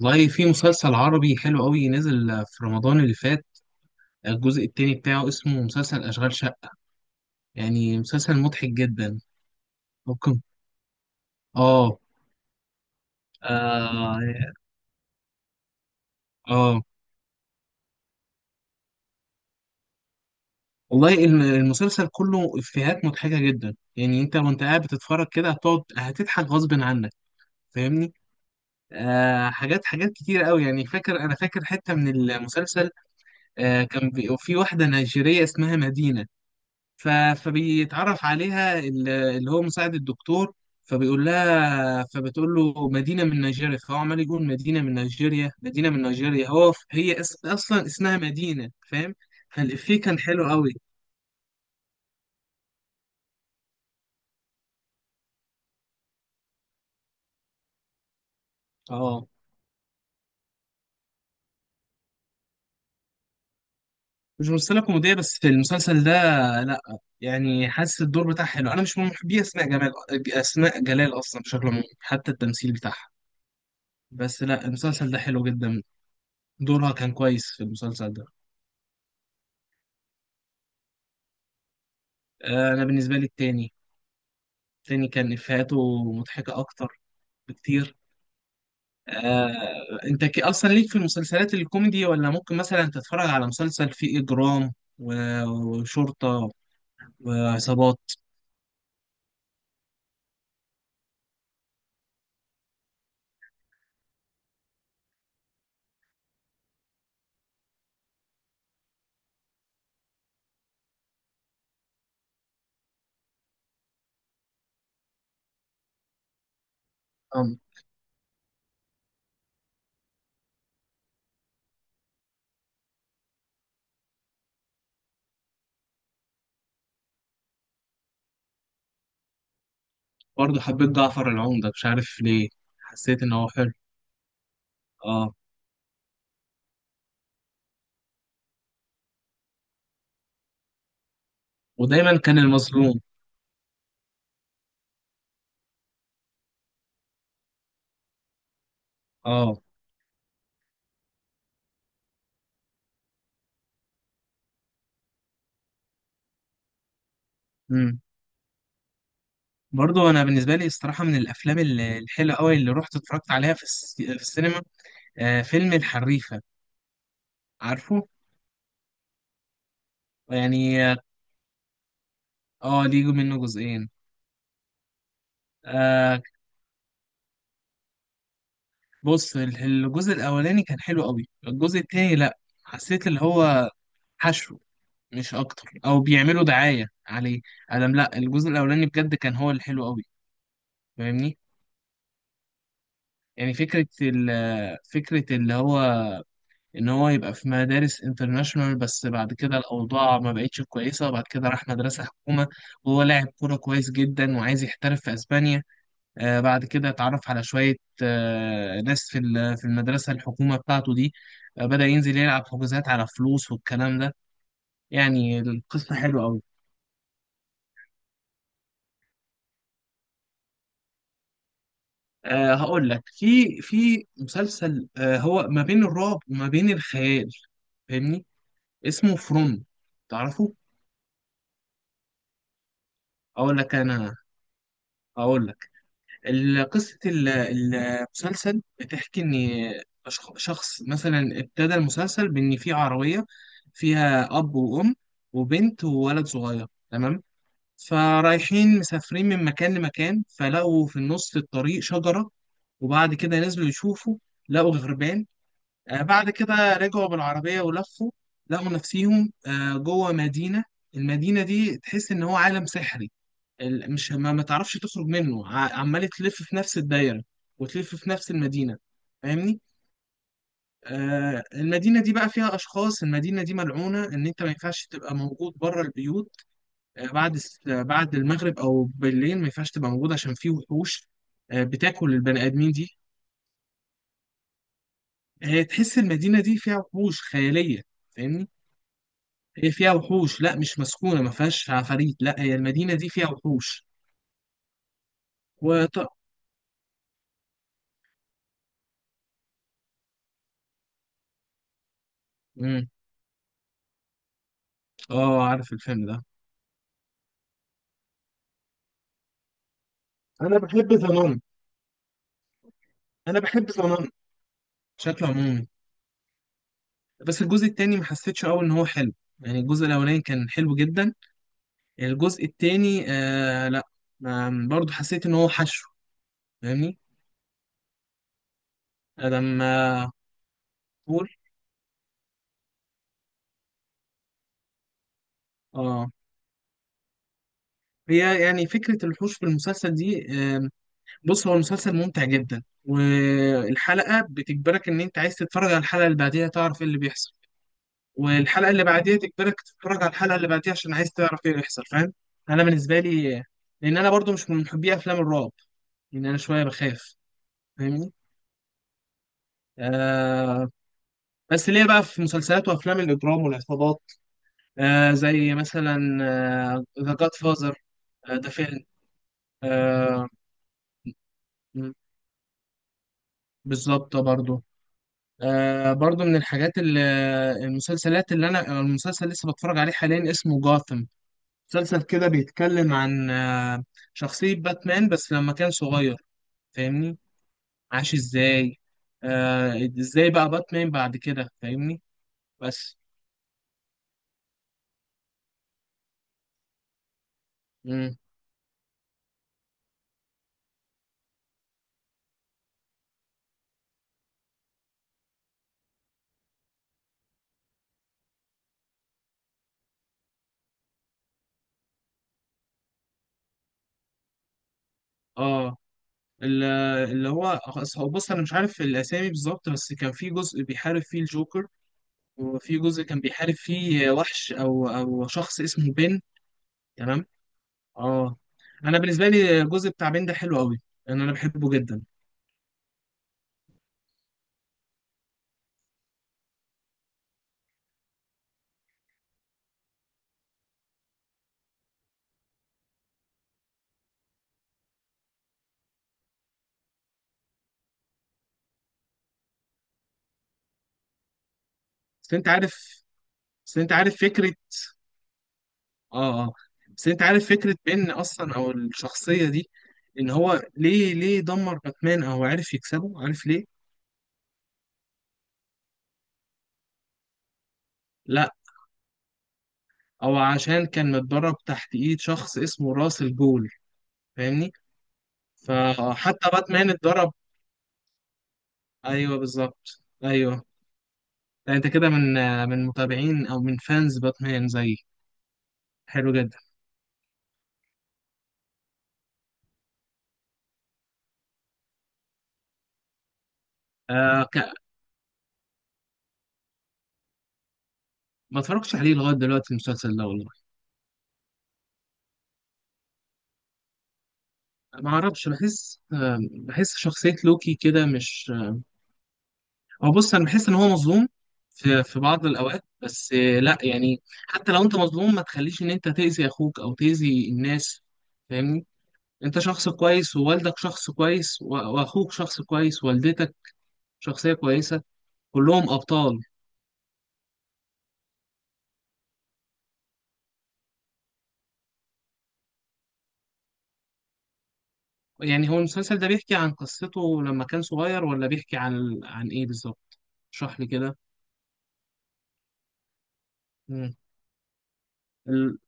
والله في مسلسل عربي حلو قوي نزل في رمضان اللي فات. الجزء التاني بتاعه اسمه مسلسل أشغال شقة. يعني مسلسل مضحك جدا. ممكن. اه. اه. آه. والله المسلسل كله إفيهات مضحكة جدا، يعني انت وانت قاعد بتتفرج كده هتقعد هتضحك غصب عنك. فاهمني؟ حاجات كتير قوي. يعني فاكر، انا فاكر حتة من المسلسل. كان في واحدة نيجيرية اسمها مدينة. ف... فبيتعرف عليها اللي هو مساعد الدكتور. فبيقول لها فبتقول له مدينة من نيجيريا، فهو عمال يقول مدينة من نيجيريا، مدينة من نيجيريا. هي أصلا اسمها مدينة. فاهم؟ فالإفيه كان حلو قوي. اه مش ممثلة كوميدية بس في المسلسل ده. لا يعني حاسس الدور بتاعها حلو. أنا مش من محبي أسماء جمال، أسماء جلال أصلا بشكل عام حتى التمثيل بتاعها. بس لا، المسلسل ده حلو جدا. دورها كان كويس في المسلسل ده. آه، أنا بالنسبة لي التاني. التاني كان إفيهاته مضحكة أكتر بكتير. آه، أنت أصلا ليك في المسلسلات الكوميدي، ولا ممكن مثلا تتفرج على مسلسل فيه إجرام وشرطة وعصابات؟ آه، برضه حبيت جعفر العمدة مش عارف ليه. حسيت إن هو حلو. أه. ودايما كان المظلوم. أه. مم. برضه أنا بالنسبة لي الصراحة من الأفلام الحلوة أوي اللي رحت اتفرجت عليها في، في السينما، آه، فيلم الحريفة. عارفه؟ يعني اه، ليه منه جزئين. آه، بص الجزء الاولاني كان حلو قوي، الجزء التاني لا. حسيت اللي هو حشو مش اكتر، او بيعملوا دعاية عليه. ادم لا، الجزء الاولاني بجد كان هو الحلو قوي. فاهمني؟ يعني فكرة فكرة اللي هو إن هو يبقى في مدارس انترناشونال، بس بعد كده الأوضاع ما بقتش كويسة، وبعد كده راح مدرسة حكومة. وهو لاعب كورة كويس جدا وعايز يحترف في أسبانيا. آه، بعد كده اتعرف على شوية، آه، ناس في في المدرسة الحكومة بتاعته دي. آه، بدأ ينزل يلعب حجوزات على فلوس والكلام ده. يعني القصة حلوة أوي. أه هقول لك، في في مسلسل أه هو ما بين الرعب وما بين الخيال. فاهمني؟ اسمه فروم. تعرفه؟ أقول لك أنا أقول لك قصة المسلسل بتحكي إن شخص مثلا، ابتدى المسلسل بإن في عربية فيها أب وأم وبنت وولد صغير، تمام؟ فرايحين مسافرين من مكان لمكان، فلقوا في النص في الطريق شجرة. وبعد كده نزلوا يشوفوا، لقوا غربان. آه، بعد كده رجعوا بالعربية ولفوا، لقوا نفسيهم آه، جوه مدينة. المدينة دي تحس إن هو عالم سحري. مش ما تعرفش تخرج منه، عمال تلف في نفس الدايرة وتلف في نفس المدينة. فاهمني؟ آه، المدينة دي بقى فيها أشخاص، المدينة دي ملعونة إن أنت ما ينفعش تبقى موجود بره البيوت. آه بعد آه، بعد المغرب أو بالليل ما ينفعش تبقى موجود عشان في وحوش. آه بتاكل البني آدمين دي. آه تحس المدينة دي فيها وحوش خيالية. فاهمني؟ هي فيها وحوش، لا مش مسكونة، ما فيهاش عفاريت، لا هي المدينة دي فيها وحوش. وط... مم. اه عارف الفيلم ده. انا بحب ذا، انا بحب ظنن بشكل عمومي. بس الجزء التاني ما حسيتش قوي ان هو حلو. يعني الجزء الاولاني كان حلو جدا، الجزء التاني آه لا. برضه حسيت ان هو حشو. فاهمني؟ لما تقول اه، هي يعني فكرة الحوش في المسلسل دي آه. بص هو المسلسل ممتع جدا، والحلقة بتجبرك ان انت عايز تتفرج على الحلقة اللي بعديها تعرف ايه اللي بيحصل. والحلقه اللي بعديها تجبرك تتفرج على الحلقه اللي بعديها عشان عايز تعرف ايه اللي يحصل. فاهم؟ انا بالنسبه لي، لان انا برضو مش من محبي افلام الرعب، لان انا شويه بخاف. فاهمني؟ آه. بس ليه بقى في مسلسلات وافلام الاجرام والعصابات. آه زي مثلا ذا جاد فازر، ده فيلم آه. م، بالظبط برضو. آه برضو من الحاجات اللي، المسلسلات اللي انا، المسلسل لسه بتفرج عليه حاليا اسمه جاثم. مسلسل كده بيتكلم عن آه، شخصية باتمان بس لما كان صغير. فاهمني؟ عاش ازاي، آه، ازاي بقى باتمان بعد كده. فاهمني؟ بس. مم. اه ال- اللي هو هو بص انا مش عارف الاسامي بالظبط، بس كان في جزء بيحارب فيه الجوكر، وفي جزء كان بيحارب فيه وحش او شخص اسمه بين. تمام. اه. انا بالنسبه لي الجزء بتاع بين ده حلو قوي، لان انا بحبه جدا. بس انت عارف بس انت عارف فكره. اه اه. بس انت عارف فكرة بين اصلا او الشخصية دي، ان هو ليه دمر باتمان او عرف يكسبه؟ عارف ليه؟ لا او عشان كان متدرب تحت ايد شخص اسمه راس الجول. فاهمني؟ فحتى باتمان اتدرب. ايوه بالظبط ايوه. لا انت كده من، من متابعين او من فانز باتمان زي. حلو جدا. آه ك... ما اتفرجتش عليه لغايه دلوقتي المسلسل ده والله. ما اعرفش، بحس آه بحس شخصيه لوكي كده مش. هو بص انا بحس ان هو مظلوم في في بعض الاوقات، بس آه، لا يعني حتى لو انت مظلوم ما تخليش ان انت تاذي اخوك او تاذي الناس. فاهمني؟ انت شخص كويس، ووالدك شخص كويس، واخوك شخص كويس، ووالدتك شخصية كويسة. كلهم ابطال. يعني هو المسلسل ده بيحكي عن قصته لما كان صغير، ولا بيحكي عن ايه بالظبط؟ اشرح لي كده. مم. ال...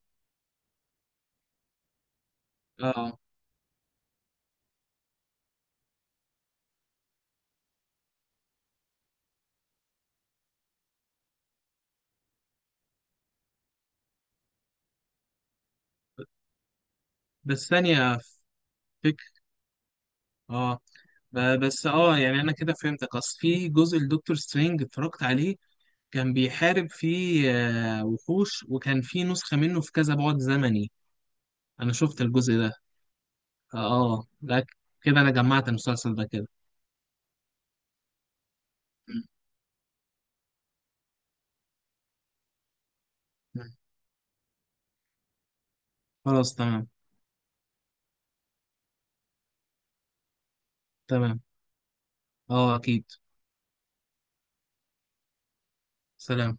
اه بس ثانية. فكر. اه، بس اه يعني انا كده فهمتك. اصل في جزء لدكتور سترينج اتفرجت عليه، كان بيحارب فيه آه، وحوش، وكان فيه نسخة منه في كذا بعد زمني. أنا شفت الجزء ده. اه لا كده أنا جمعت المسلسل ده كده. م- م. خلاص تمام. تمام اه أكيد. سلام.